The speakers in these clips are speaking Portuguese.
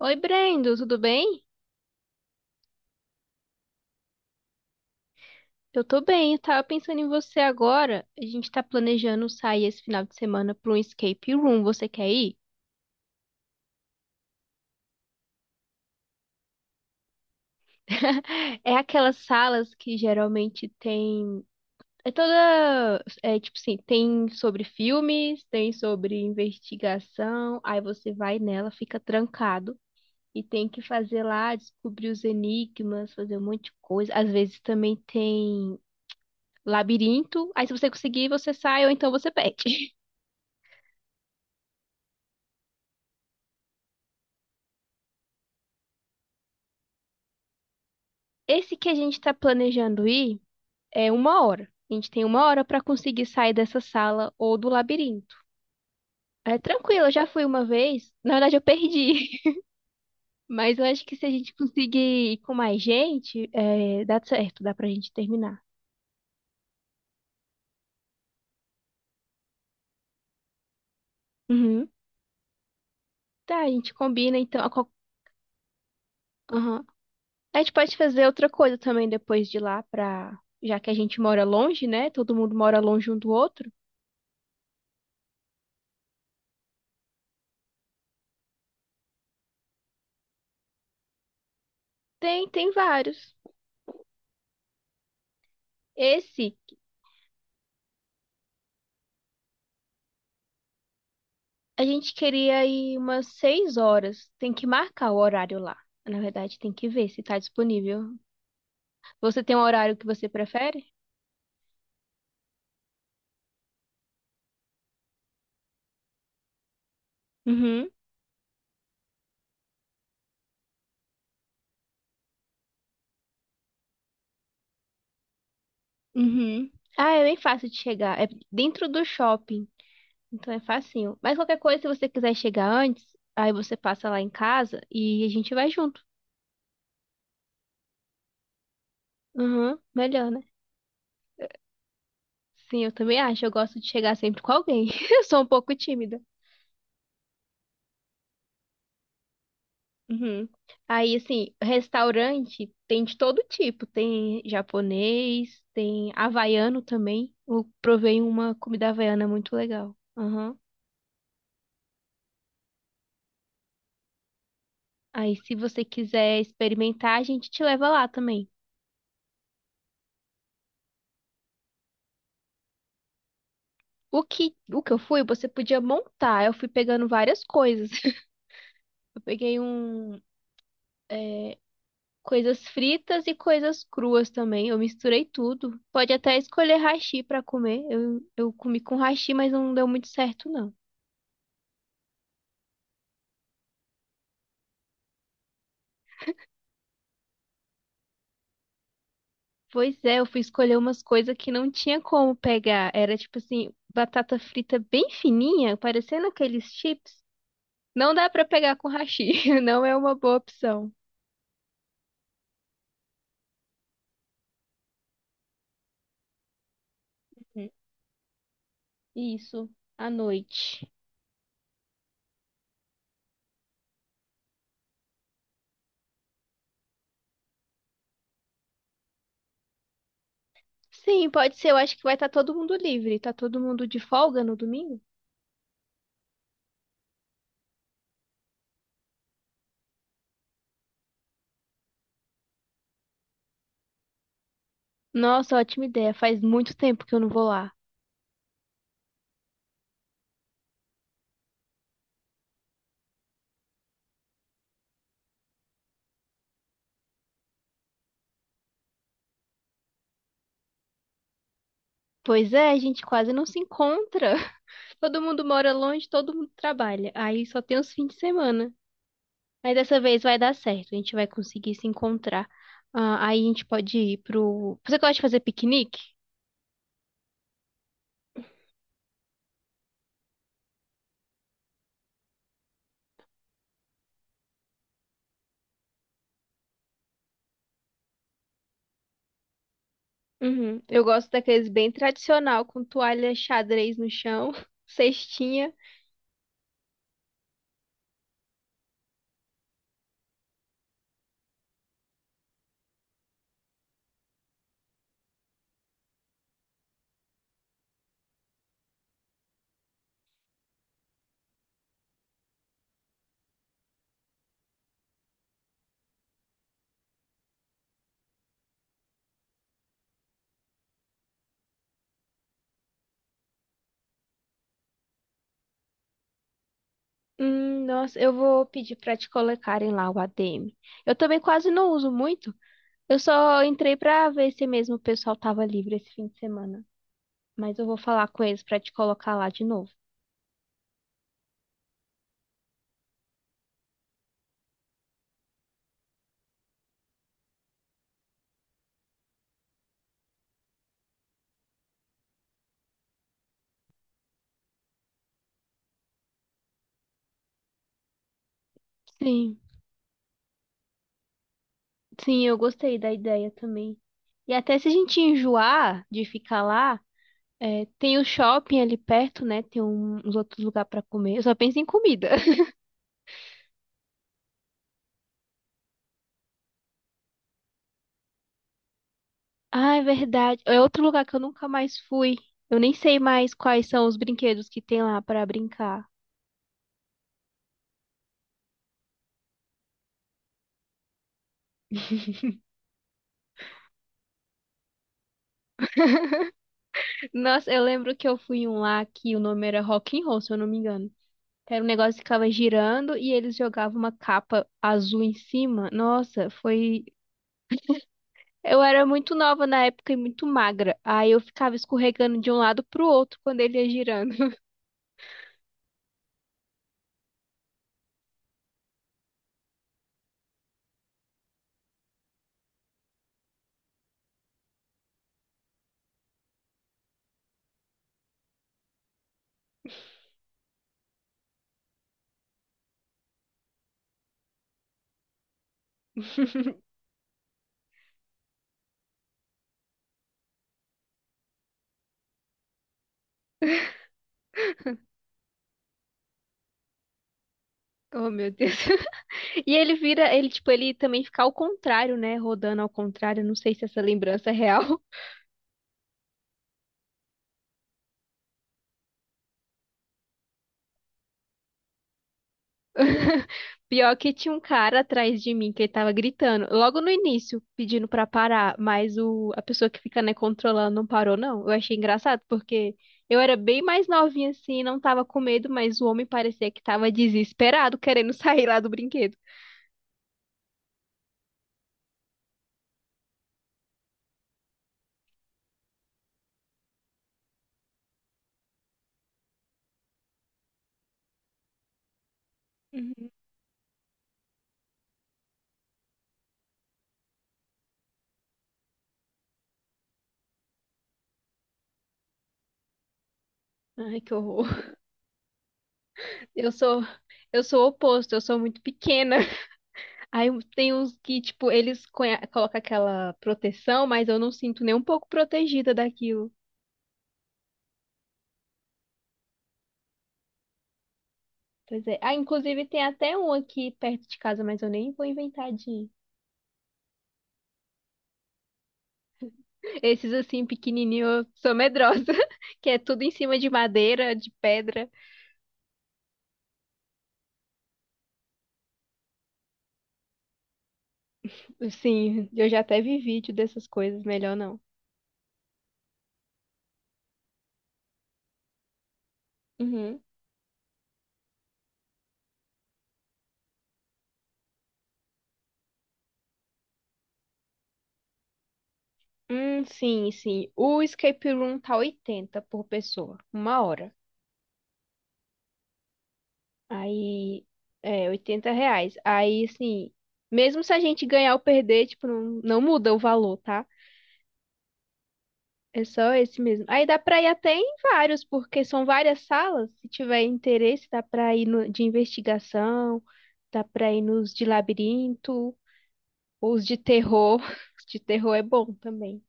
Oi, Brendo, tudo bem? Eu tô bem, eu tava pensando em você agora. A gente tá planejando sair esse final de semana pra um escape room. Você quer ir? É aquelas salas que geralmente tem. É toda. É tipo assim, tem sobre filmes, tem sobre investigação. Aí você vai nela, fica trancado e tem que fazer lá, descobrir os enigmas, fazer um monte de coisa. Às vezes também tem labirinto. Aí se você conseguir, você sai ou então você perde. Esse que a gente está planejando ir é uma hora. A gente tem uma hora para conseguir sair dessa sala ou do labirinto. É tranquilo, eu já fui uma vez. Na verdade, eu perdi. Mas eu acho que se a gente conseguir ir com mais gente, dá certo, dá pra gente terminar. Uhum. Tá, a gente combina então. Aham. A gente pode fazer outra coisa também depois de lá, pra... já que a gente mora longe, né? Todo mundo mora longe um do outro. Tem, tem vários. Esse. A gente queria ir umas 6 horas. Tem que marcar o horário lá. Na verdade, tem que ver se tá disponível. Você tem um horário que você prefere? Uhum, uhum. Ah, é bem fácil de chegar. É dentro do shopping. Então é facinho. Mas qualquer coisa, se você quiser chegar antes, aí você passa lá em casa e a gente vai junto. Uhum, melhor, né? Sim, eu também acho. Eu gosto de chegar sempre com alguém. Eu sou um pouco tímida. Uhum. Aí, assim, restaurante tem de todo tipo. Tem japonês, tem havaiano também. Eu provei uma comida havaiana muito legal. Aham. Aí, se você quiser experimentar, a gente te leva lá também. O que eu fui, você podia montar. Eu fui pegando várias coisas. Eu peguei é, coisas fritas e coisas cruas também. Eu misturei tudo. Pode até escolher hashi pra comer. Eu comi com hashi, mas não deu muito certo, não. Pois é, eu fui escolher umas coisas que não tinha como pegar. Era tipo assim, batata frita bem fininha, parecendo aqueles chips. Não dá pra pegar com hashi, não é uma boa opção. Uhum. Isso, à noite. Sim, pode ser. Eu acho que vai estar todo mundo livre. Tá todo mundo de folga no domingo? Nossa, ótima ideia. Faz muito tempo que eu não vou lá. Pois é, a gente quase não se encontra. Todo mundo mora longe, todo mundo trabalha. Aí só tem os fins de semana. Mas dessa vez vai dar certo, a gente vai conseguir se encontrar. Ah, aí a gente pode ir pro. Você gosta de fazer piquenique? Uhum. Eu gosto daqueles bem tradicional, com toalha xadrez no chão, cestinha. Nossa, eu vou pedir pra te colocarem lá o ADM. Eu também quase não uso muito. Eu só entrei pra ver se mesmo o pessoal tava livre esse fim de semana. Mas eu vou falar com eles pra te colocar lá de novo. Sim, sim, eu gostei da ideia também. E até se a gente enjoar de ficar lá, é, tem o shopping ali perto, né? Tem uns outros lugares pra comer. Eu só penso em comida. Ah, é verdade. É outro lugar que eu nunca mais fui. Eu nem sei mais quais são os brinquedos que tem lá pra brincar. Nossa, eu lembro que eu fui em um lá que o nome era Rock'n'Roll, se eu não me engano. Era um negócio que ficava girando e eles jogavam uma capa azul em cima. Nossa, foi. Eu era muito nova na época e muito magra. Aí eu ficava escorregando de um lado pro outro quando ele ia girando. Oh, meu Deus. E ele vira, ele, tipo, ele também fica ao contrário, né? Rodando ao contrário. Não sei se essa lembrança é real. Pior que tinha um cara atrás de mim que ele tava gritando, logo no início, pedindo pra parar, mas a pessoa que fica, né, controlando não parou, não. Eu achei engraçado, porque eu era bem mais novinha assim, não tava com medo, mas o homem parecia que tava desesperado, querendo sair lá do brinquedo. Uhum. Ai, que horror. Eu sou, eu sou o oposto, eu sou muito pequena. Aí tem uns que, tipo, eles colocam aquela proteção, mas eu não sinto nem um pouco protegida daquilo. Pois é. Ah, inclusive tem até um aqui perto de casa, mas eu nem vou inventar de ir. Esses assim, pequenininho, eu sou medrosa, que é tudo em cima de madeira, de pedra. Sim, eu já até vi vídeo dessas coisas, melhor não. Uhum. Sim, sim. O escape room tá 80 por pessoa, uma hora. Aí, é, R$ 80. Aí, assim, mesmo se a gente ganhar ou perder, tipo, não muda o valor, tá? É só esse mesmo. Aí dá pra ir até em vários, porque são várias salas. Se tiver interesse, dá pra ir no, de investigação, dá pra ir nos de labirinto, ou os de terror. Os de terror é bom também.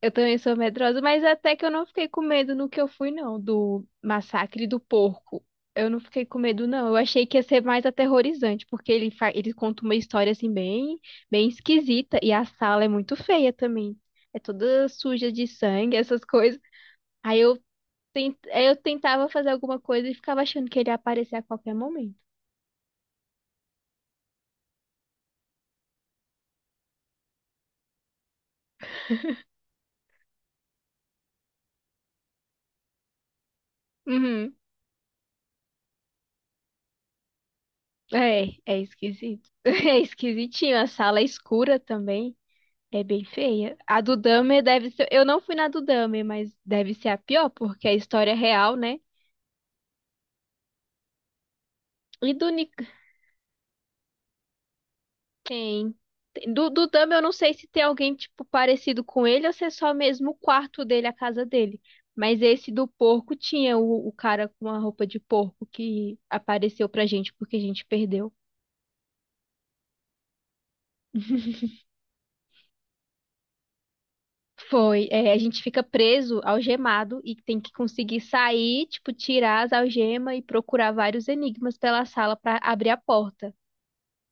Eu também sou medrosa, mas até que eu não fiquei com medo no que eu fui, não, do massacre do porco. Eu não fiquei com medo, não. Eu achei que ia ser mais aterrorizante, porque ele conta uma história assim bem, bem esquisita e a sala é muito feia também. É toda suja de sangue, essas coisas. Aí eu, aí eu tentava fazer alguma coisa e ficava achando que ele ia aparecer a qualquer momento. Uhum. É, é esquisito. É esquisitinho. A sala é escura também. É bem feia. A do Dahmer deve ser. Eu não fui na do Dahmer, mas deve ser a pior, porque é a história é real, né? E do Nick. Tem. Do Dahmer, eu não sei se tem alguém, tipo, parecido com ele ou se é só mesmo o quarto dele, a casa dele. Mas esse do porco tinha o cara com a roupa de porco que apareceu pra gente porque a gente perdeu. Foi. É, a gente fica preso, algemado, e tem que conseguir sair, tipo, tirar as algemas e procurar vários enigmas pela sala pra abrir a porta.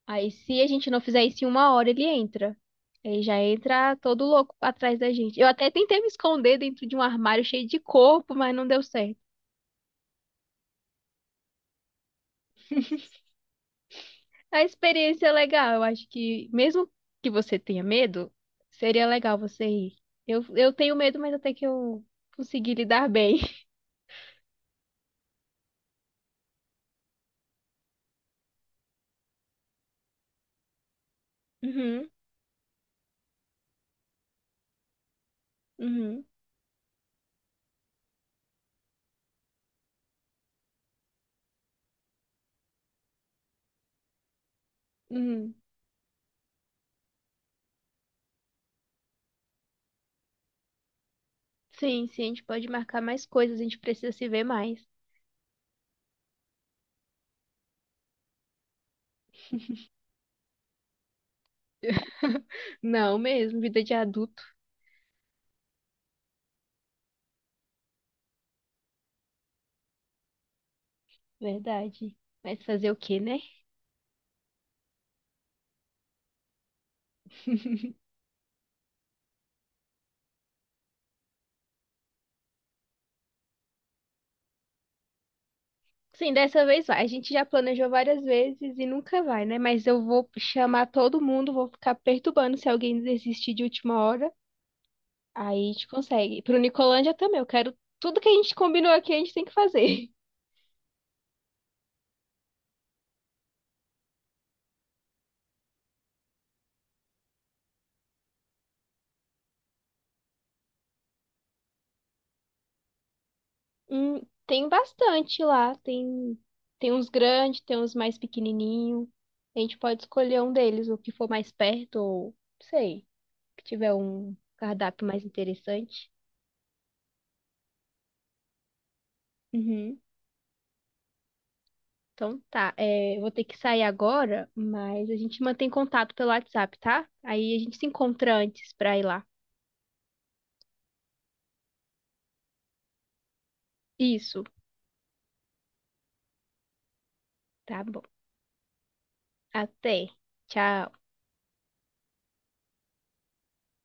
Aí, se a gente não fizer isso em uma hora, ele entra. Ele já entra todo louco atrás da gente. Eu até tentei me esconder dentro de um armário cheio de corpo, mas não deu certo. A experiência é legal. Eu acho que, mesmo que você tenha medo, seria legal você ir. Eu tenho medo, mas até que eu consegui lidar bem. Uhum, uhum, uhum. Sim, sim, a gente pode marcar mais coisas, a gente precisa se ver mais. Não mesmo, vida de adulto. Verdade. Mas fazer o quê, né? Sim, dessa vez vai. A gente já planejou várias vezes e nunca vai, né? Mas eu vou chamar todo mundo, vou ficar perturbando se alguém desistir de última hora. Aí a gente consegue. Pro Nicolândia também, eu quero tudo que a gente combinou aqui, a gente tem que fazer. Tem bastante lá, tem uns grandes, tem uns mais pequenininhos. A gente pode escolher um deles, o que for mais perto ou sei, que tiver um cardápio mais interessante. Uhum. Então tá, é, eu vou ter que sair agora, mas a gente mantém contato pelo WhatsApp, tá? Aí a gente se encontra antes pra ir lá. Isso, tá bom. Até. Tchau.